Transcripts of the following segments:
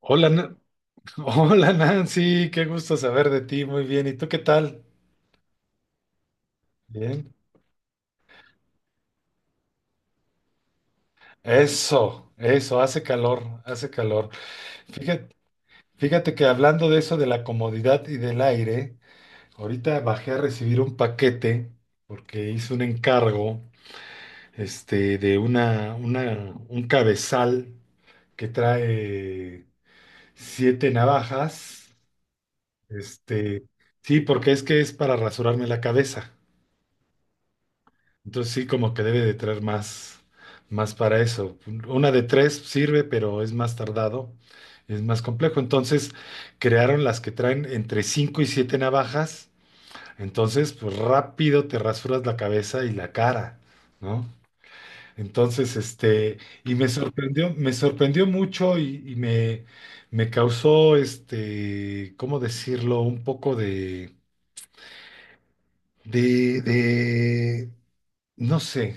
Hola, hola Nancy, qué gusto saber de ti, muy bien. ¿Y tú qué tal? Bien. Eso, hace calor, hace calor. Fíjate, fíjate que hablando de eso de la comodidad y del aire, ahorita bajé a recibir un paquete porque hice un encargo, de un cabezal que trae siete navajas. este, sí, porque es que es para rasurarme la cabeza. Entonces sí, como que debe de traer más para eso. Una de tres sirve, pero es más tardado, es más complejo. Entonces crearon las que traen entre cinco y siete navajas. Entonces, pues rápido te rasuras la cabeza y la cara, ¿no? Entonces, y me sorprendió mucho y me causó, ¿cómo decirlo? Un poco de, de, de no sé,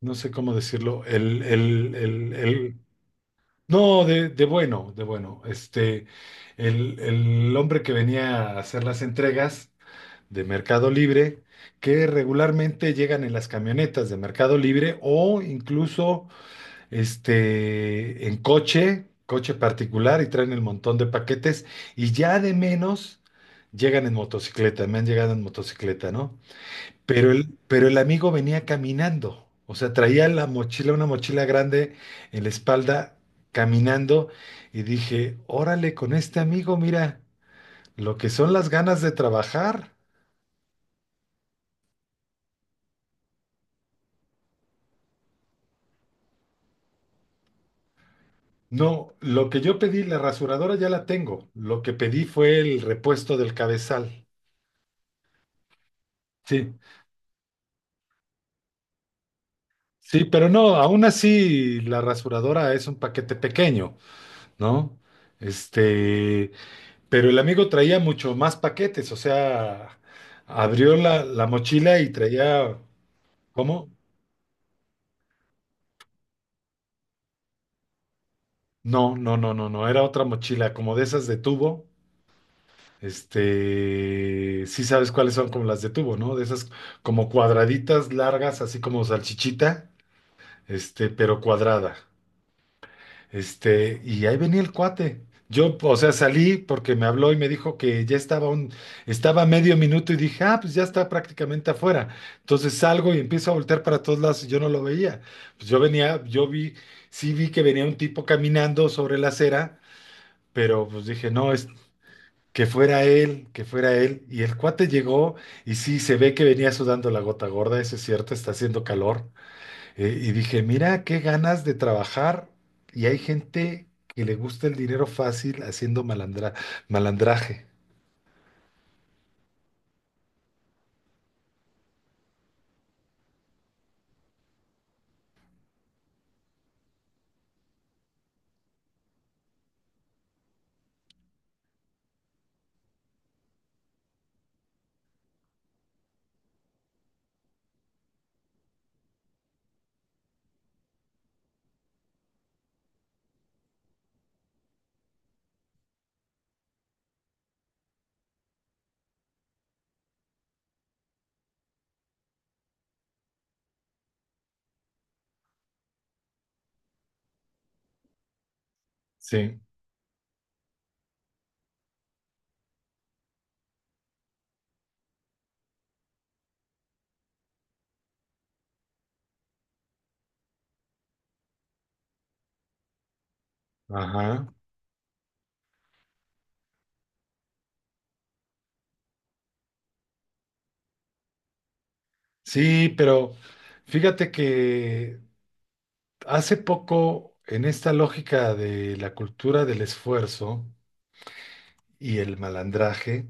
no sé cómo decirlo. No, de bueno, de bueno. El hombre que venía a hacer las entregas de Mercado Libre, que regularmente llegan en las camionetas de Mercado Libre o incluso en coche, coche particular y traen el montón de paquetes y ya de menos llegan en motocicleta, me han llegado en motocicleta, ¿no? Pero el amigo venía caminando, o sea, traía la mochila, una mochila grande en la espalda, caminando, y dije, órale, con este amigo, mira, lo que son las ganas de trabajar. No, lo que yo pedí, la rasuradora ya la tengo, lo que pedí fue el repuesto del cabezal. Sí, sí, pero no, aún así la rasuradora es un paquete pequeño, ¿no? Este, Pero el amigo traía mucho más paquetes, o sea, abrió la mochila y traía, ¿cómo? No, no, no, no, no, era otra mochila, como de esas de tubo. Sí sabes cuáles son como las de tubo, ¿no? De esas como cuadraditas largas, así como salchichita, pero cuadrada. Y ahí venía el cuate. Yo, o sea, salí porque me habló y me dijo que ya estaba a medio minuto y dije, ah, pues ya está prácticamente afuera. Entonces salgo y empiezo a voltear para todos lados y yo no lo veía. Pues yo vi, sí vi que venía un tipo caminando sobre la acera, pero pues dije, no, es que fuera él, que fuera él. Y el cuate llegó y sí, se ve que venía sudando la gota gorda, eso es cierto, está haciendo calor. Y dije, mira qué ganas de trabajar y hay gente que le gusta el dinero fácil haciendo malandraje. Sí, ajá. Sí, pero fíjate que hace poco en esta lógica de la cultura del esfuerzo y el malandraje,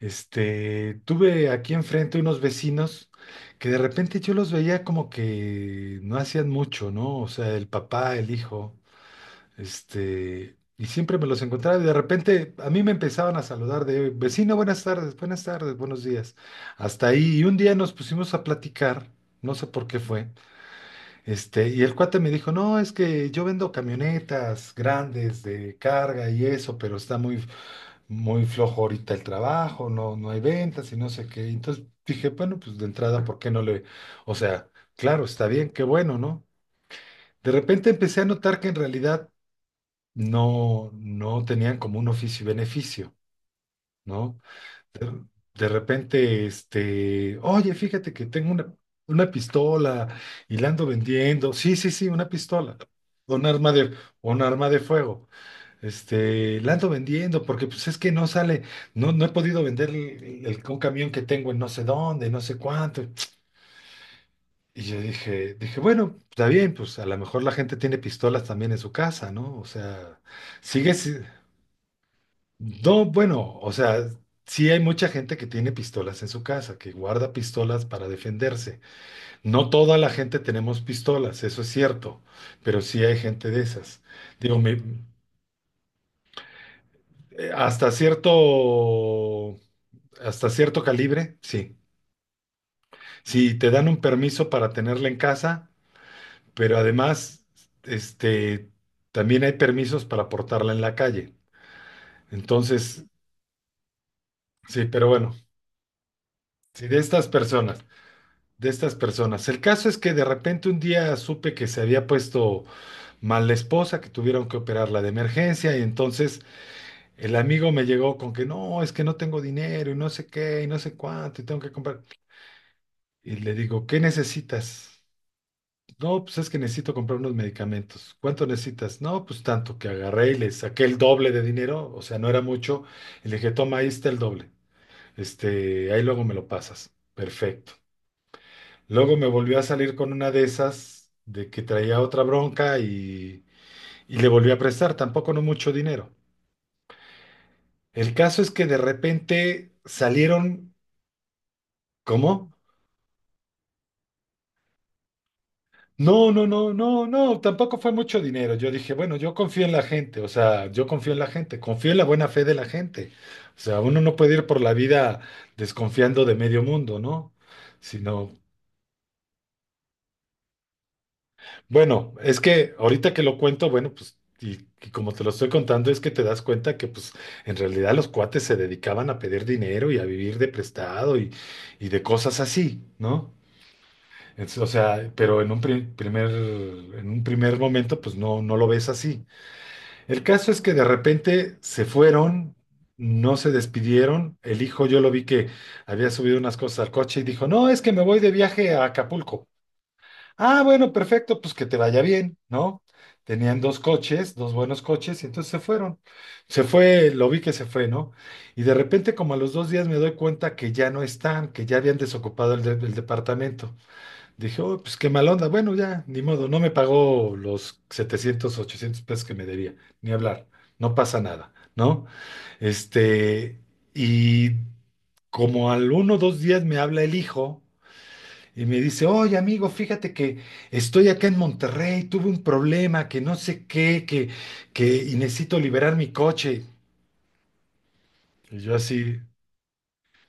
tuve aquí enfrente unos vecinos que de repente yo los veía como que no hacían mucho, ¿no? O sea, el papá, el hijo. Y siempre me los encontraba y de repente a mí me empezaban a saludar de vecino, buenas tardes, buenos días. Hasta ahí, y un día nos pusimos a platicar, no sé por qué fue, y el cuate me dijo, no, es que yo vendo camionetas grandes de carga y eso, pero está muy, muy flojo ahorita el trabajo, no, no hay ventas y no sé qué. Entonces dije, bueno, pues de entrada, ¿por qué no le? O sea, claro, está bien, qué bueno, ¿no? De repente empecé a notar que en realidad no tenían como un oficio y beneficio, ¿no? De, de repente, oye, fíjate que tengo una pistola y la ando vendiendo. Sí, sí, sí, una pistola. Un arma de, un arma de fuego. La ando vendiendo porque pues es que no sale, no, no he podido vender un camión que tengo en no sé dónde, no sé cuánto. Y yo dije, bueno, está bien, pues a lo mejor la gente tiene pistolas también en su casa, ¿no? O sea, sigues. No, bueno, o sea, sí hay mucha gente que tiene pistolas en su casa, que guarda pistolas para defenderse. No toda la gente tenemos pistolas, eso es cierto, pero sí hay gente de esas. Digo, eh, hasta cierto, hasta cierto calibre, sí. Sí, te dan un permiso para tenerla en casa, pero además, este, también hay permisos para portarla en la calle. Entonces, sí, pero bueno, sí, De estas personas. El caso es que de repente un día supe que se había puesto mal la esposa, que tuvieron que operarla de emergencia y entonces el amigo me llegó con que no, es que no tengo dinero y no sé qué y no sé cuánto y tengo que comprar. Y le digo, ¿qué necesitas? No, pues es que necesito comprar unos medicamentos. ¿Cuánto necesitas? No, pues tanto que agarré y le saqué el doble de dinero, o sea, no era mucho, y le dije, toma, ahí está el doble. Ahí luego me lo pasas. Perfecto. Luego me volvió a salir con una de esas, de que traía otra bronca y le volví a prestar, tampoco no mucho dinero. El caso es que de repente salieron, ¿cómo? No, no, no, no, no, tampoco fue mucho dinero. Yo dije, bueno, yo confío en la gente, o sea, yo confío en la gente, confío en la buena fe de la gente. O sea, uno no puede ir por la vida desconfiando de medio mundo, ¿no? Sino, Bueno, es que ahorita que lo cuento, bueno, pues, y como te lo estoy contando, es que te das cuenta que, pues, en realidad los cuates se dedicaban a pedir dinero y a vivir de prestado y de cosas así, ¿no? O sea, pero en un primer momento, pues, no, no lo ves así. El caso es que de repente se fueron, no se despidieron. El hijo, yo lo vi que había subido unas cosas al coche y dijo, no, es que me voy de viaje a Acapulco. Ah, bueno, perfecto, pues que te vaya bien, ¿no? Tenían dos coches, dos buenos coches, y entonces se fueron. Se fue, lo vi que se fue, ¿no? Y de repente, como a los 2 días, me doy cuenta que ya no están, que ya habían desocupado el departamento. Dije, oh, pues qué mal onda. Bueno, ya, ni modo, no me pagó los 700, 800 pesos que me debía, ni hablar, no pasa nada, ¿no? Este, y como al 1 o 2 días me habla el hijo. Y me dice, oye amigo, fíjate que estoy acá en Monterrey, tuve un problema, que no sé qué, que y necesito liberar mi coche. Y yo así,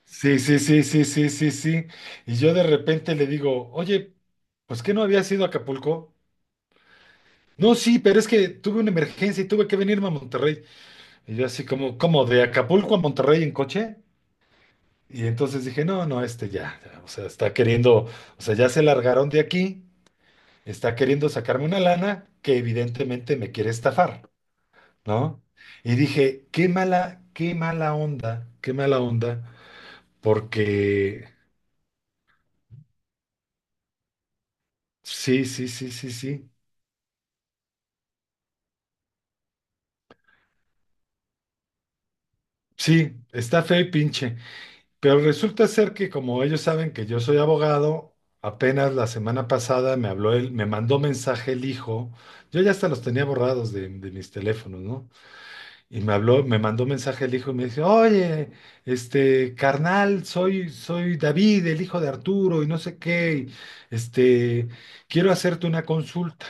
sí, sí, sí, sí, sí, sí, sí. Y yo de repente le digo, oye, pues que no había sido Acapulco. No, sí, pero es que tuve una emergencia y tuve que venirme a Monterrey. Y yo así como, ¿cómo? ¿De Acapulco a Monterrey en coche? Y entonces dije, no, no, ya, ya, o sea, está queriendo, o sea, ya se largaron de aquí, está queriendo sacarme una lana que evidentemente me quiere estafar, ¿no? Y dije, qué mala onda, porque sí, sí, sí, sí, sí, sí, está feo y pinche, pero resulta ser que como ellos saben que yo soy abogado, apenas la semana pasada me habló él, me mandó mensaje el hijo, yo ya hasta los tenía borrados de mis teléfonos, ¿no? Y me habló, me mandó un mensaje el hijo y me dice, oye, carnal, soy David, el hijo de Arturo, y no sé qué, y, este, quiero hacerte una consulta.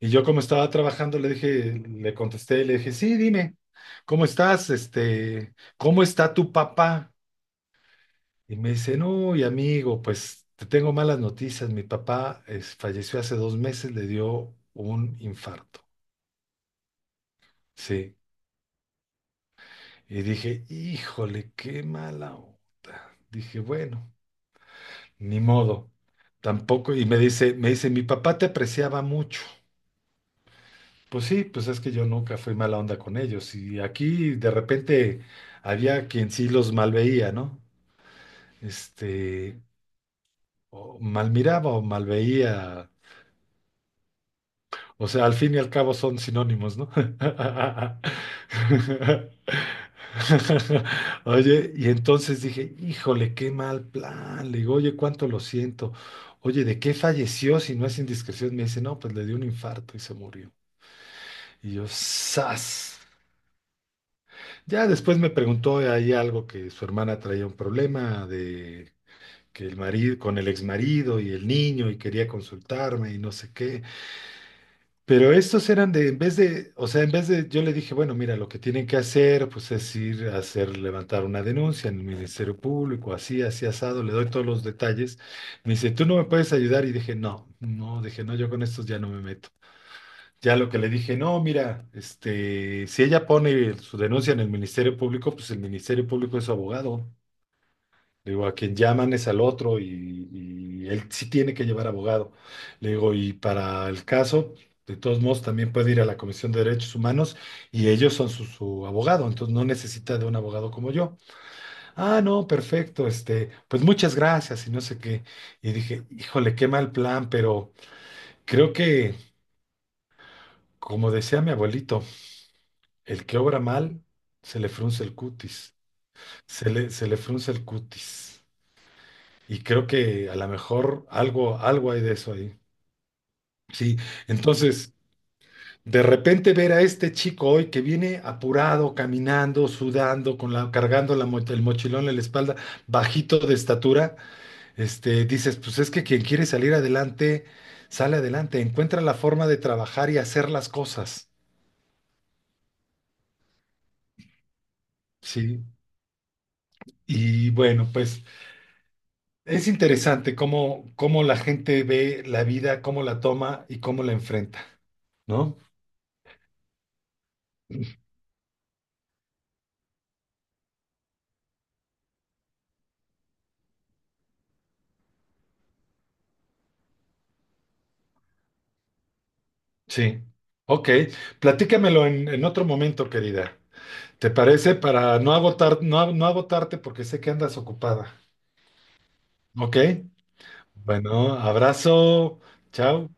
Y yo como estaba trabajando, le dije, le contesté, le dije, sí, dime, ¿cómo estás? ¿Cómo está tu papá? Y me dice, no, y amigo, pues te tengo malas noticias. Mi papá falleció hace 2 meses, le dio un infarto. Sí. Y dije, híjole, qué mala onda. Dije, bueno, ni modo. Tampoco, y me dice, mi papá te apreciaba mucho. Pues sí, pues es que yo nunca fui mala onda con ellos. Y aquí de repente había quien sí los malveía, ¿no? Este, o mal miraba o mal veía. O sea, al fin y al cabo son sinónimos, ¿no? Oye, y entonces dije, híjole, qué mal plan. Le digo, oye, cuánto lo siento. Oye, ¿de qué falleció si no es indiscreción? Me dice, no, pues le dio un infarto y se murió. Y yo, ¡zas! Ya después me preguntó ahí algo que su hermana traía un problema de que con el exmarido y el niño y quería consultarme y no sé qué. Pero estos eran de, en vez de, o sea, en vez de, yo le dije, bueno, mira, lo que tienen que hacer, pues es ir a hacer, levantar una denuncia en el Ministerio Público, así, así asado, le doy todos los detalles. Me dice, ¿tú no me puedes ayudar? Y dije, no, no, dije, no, yo con estos ya no me meto. Ya lo que le dije, no, mira, si ella pone su denuncia en el Ministerio Público, pues el Ministerio Público es su abogado, le digo, a quien llaman es al otro y él sí tiene que llevar abogado. Le digo, y para el caso, de todos modos, también puede ir a la Comisión de Derechos Humanos y ellos son su abogado, entonces no necesita de un abogado como yo. Ah, no, perfecto, pues muchas gracias y no sé qué. Y dije, híjole, qué mal plan, pero creo que, como decía mi abuelito, el que obra mal, se le frunce el cutis, se le frunce el cutis. Y creo que a lo mejor algo, algo hay de eso ahí. Sí, entonces, de repente ver a este chico hoy que viene apurado, caminando, sudando, cargando el mochilón en la espalda, bajito de estatura, dices, pues es que quien quiere salir adelante, sale adelante, encuentra la forma de trabajar y hacer las cosas. Sí, y bueno, pues es interesante cómo la gente ve la vida, cómo la toma y cómo la enfrenta, ¿no? Sí, ok. Platícamelo en otro momento, querida. ¿Te parece? Para no agotar, no, no agotarte porque sé que andas ocupada. ¿Ok? Bueno, abrazo. Chao.